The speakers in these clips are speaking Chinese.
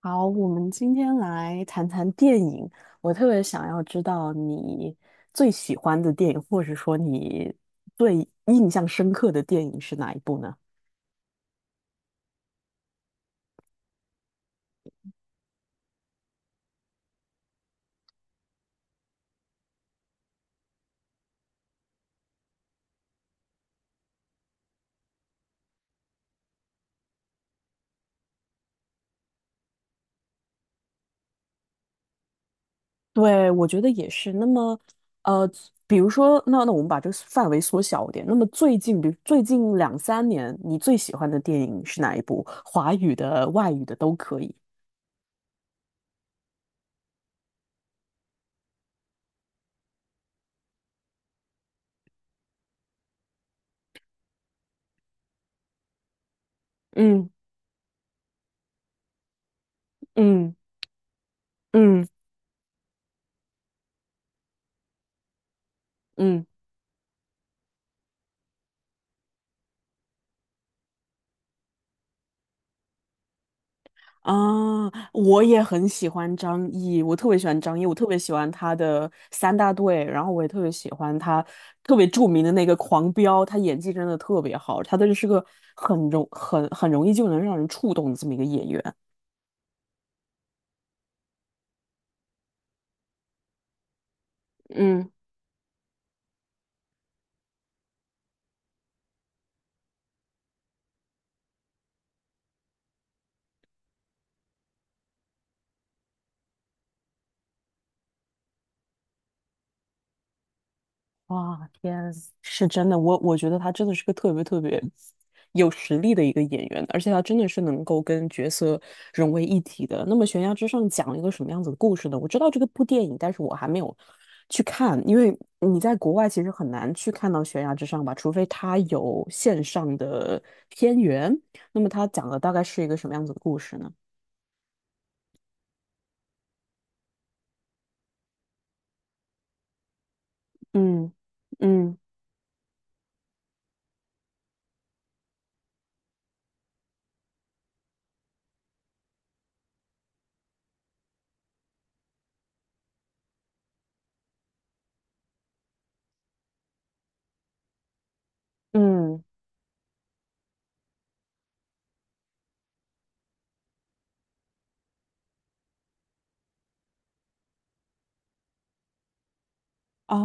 好，我们今天来谈谈电影。我特别想要知道你最喜欢的电影，或者说你最印象深刻的电影是哪一部呢？对，我觉得也是。那么，呃，比如说，那我们把这个范围缩小一点。那么最近，比如最近两三年，你最喜欢的电影是哪一部？华语的、外语的都可以。嗯嗯嗯嗯。啊，我也很喜欢张译，我特别喜欢张译，我特别喜欢他的三大队，然后我也特别喜欢他特别著名的那个狂飙，他演技真的特别好，他真的是个很容易就能让人触动的这么一个演员。嗯。哇，天，是真的，我觉得他真的是个特别特别有实力的一个演员，而且他真的是能够跟角色融为一体的。那么《悬崖之上》讲了一个什么样子的故事呢？我知道这个部电影，但是我还没有去看，因为你在国外其实很难去看到《悬崖之上》吧，除非他有线上的片源。那么他讲的大概是一个什么样子的故事呢？嗯嗯嗯。啊，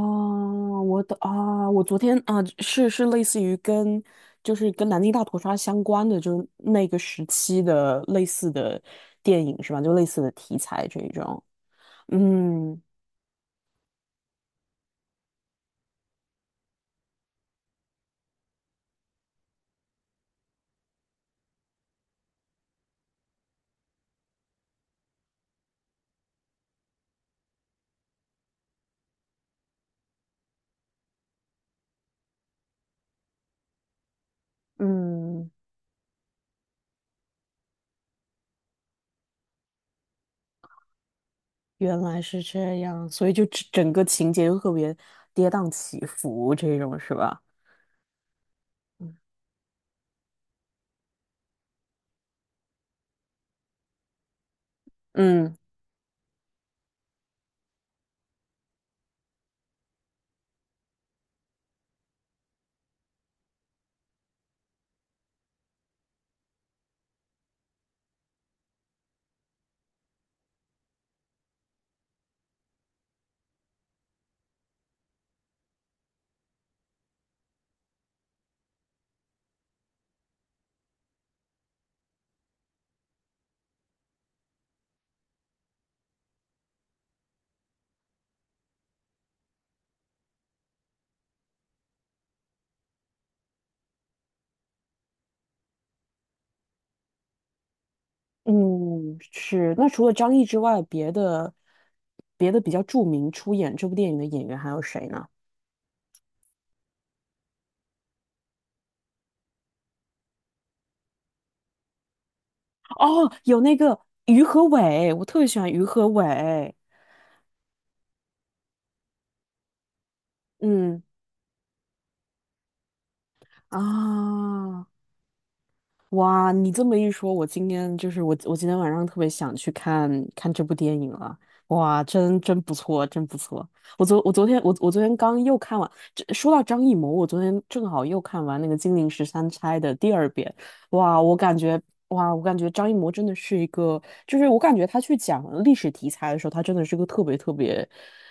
我的啊，我昨天啊，是类似于跟就是跟南京大屠杀相关的，就是那个时期的类似的电影是吧？就类似的题材这一种。嗯嗯，原来是这样，所以就整个情节就特别跌宕起伏这种是吧？嗯嗯，是。那除了张译之外，别的比较著名出演这部电影的演员还有谁呢？哦，有那个于和伟，我特别喜欢于和伟。嗯，啊，哇，你这么一说，我今天我今天晚上特别想去看看这部电影了。哇，真真不错，真不错。我昨天刚又看完。这说到张艺谋，我昨天正好又看完那个《金陵十三钗》的第二遍。哇，我感觉哇，我感觉张艺谋真的是一个，就是我感觉他去讲历史题材的时候，他真的是个特别特别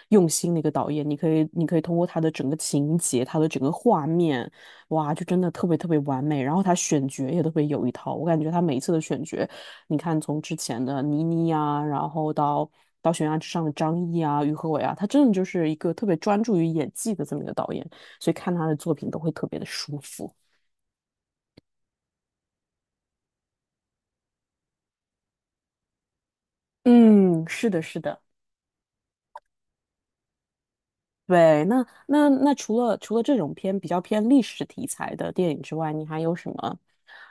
用心的一个导演。你可以通过他的整个情节，他的整个画面。哇，就真的特别特别完美。然后他选角也特别有一套，我感觉他每一次的选角，你看从之前的倪妮呀，到悬崖之上的张译啊、于和伟啊，他真的就是一个特别专注于演技的这么一个导演，所以看他的作品都会特别的舒服。嗯，是的，是的。对，那除了这种偏比较偏历史题材的电影之外，你还有什么，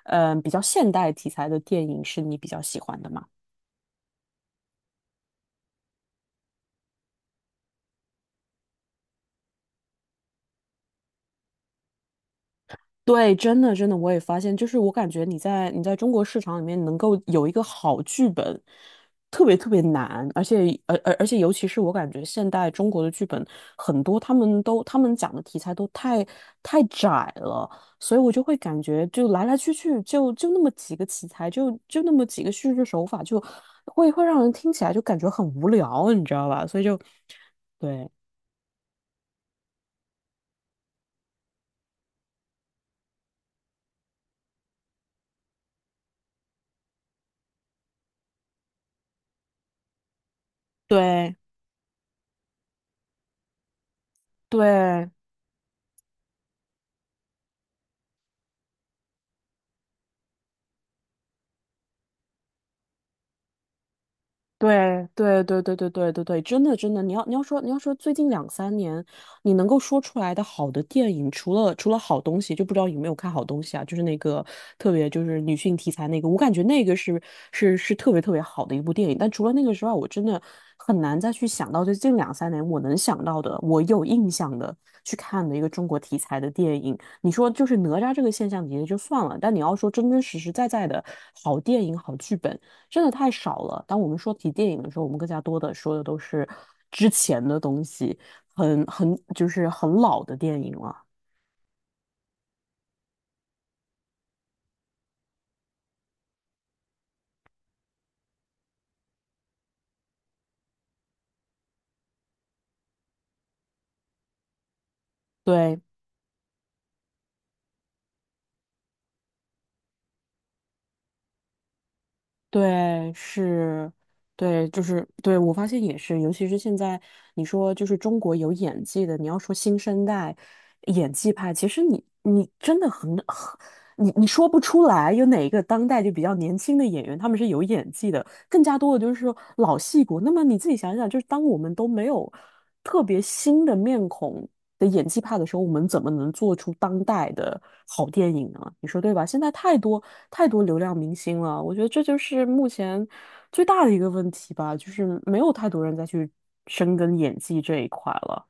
比较现代题材的电影是你比较喜欢的吗？对，真的真的，我也发现，就是我感觉你在中国市场里面能够有一个好剧本，特别特别难，而且尤其是我感觉现代中国的剧本很多，他们讲的题材都太窄了，所以我就会感觉就来来去去就那么几个题材，就那么几个叙事手法，会会让人听起来就感觉很无聊，你知道吧？所以就对对。对对，真的真的，你要说最近两三年，你能够说出来的好的电影，除了好东西，就不知道有没有看好东西啊？就是那个特别就是女性题材那个，我感觉那个是是特别特别好的一部电影。但除了那个之外，我真的很难再去想到最近两三年我能想到的，我有印象的去看的一个中国题材的电影。你说就是哪吒这个现象也就算了，但你要说真真实实在在的好电影、好剧本。真的太少了。当我们说起电影的时候，我们更加多的说的都是之前的东西，就是很老的电影了。对，对，是，对，对，我发现也是，尤其是现在你说就是中国有演技的，你要说新生代演技派，其实你你真的你说不出来有哪一个当代就比较年轻的演员他们是有演技的，更加多的就是说老戏骨。那么你自己想想，就是当我们都没有特别新的面孔。的演技派的时候，我们怎么能做出当代的好电影呢？你说对吧？现在太多流量明星了，我觉得这就是目前最大的一个问题吧，就是没有太多人再去深耕演技这一块了。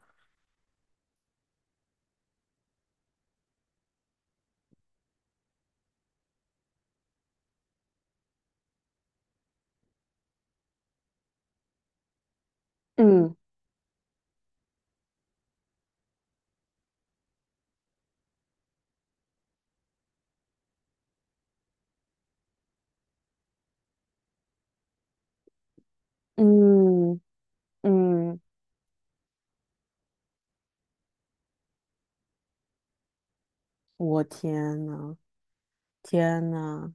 嗯嗯嗯，我天呐，天呐！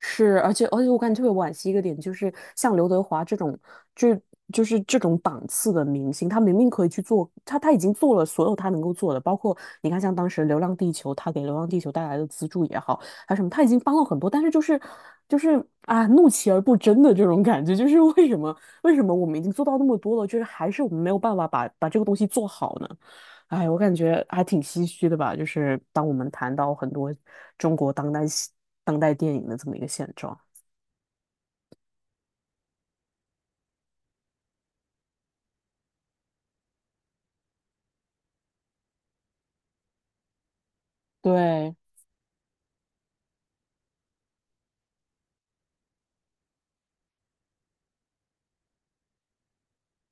是，而且我感觉特别惋惜一个点，就是像刘德华这种，就就是这种档次的明星，他明明可以去做，他已经做了所有他能够做的，包括你看像当时《流浪地球》，他给《流浪地球》带来的资助也好，还有什么，他已经帮了很多，但是就是就是啊，怒其而不争的这种感觉，就是为什么我们已经做到那么多了，就是还是我们没有办法把这个东西做好呢？哎，我感觉还挺唏嘘的吧，就是当我们谈到很多中国当代戏当代电影的这么一个现状。对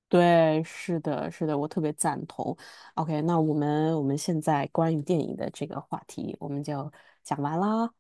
对，是的，是的，我特别赞同。OK,那我们现在关于电影的这个话题，我们就讲完啦。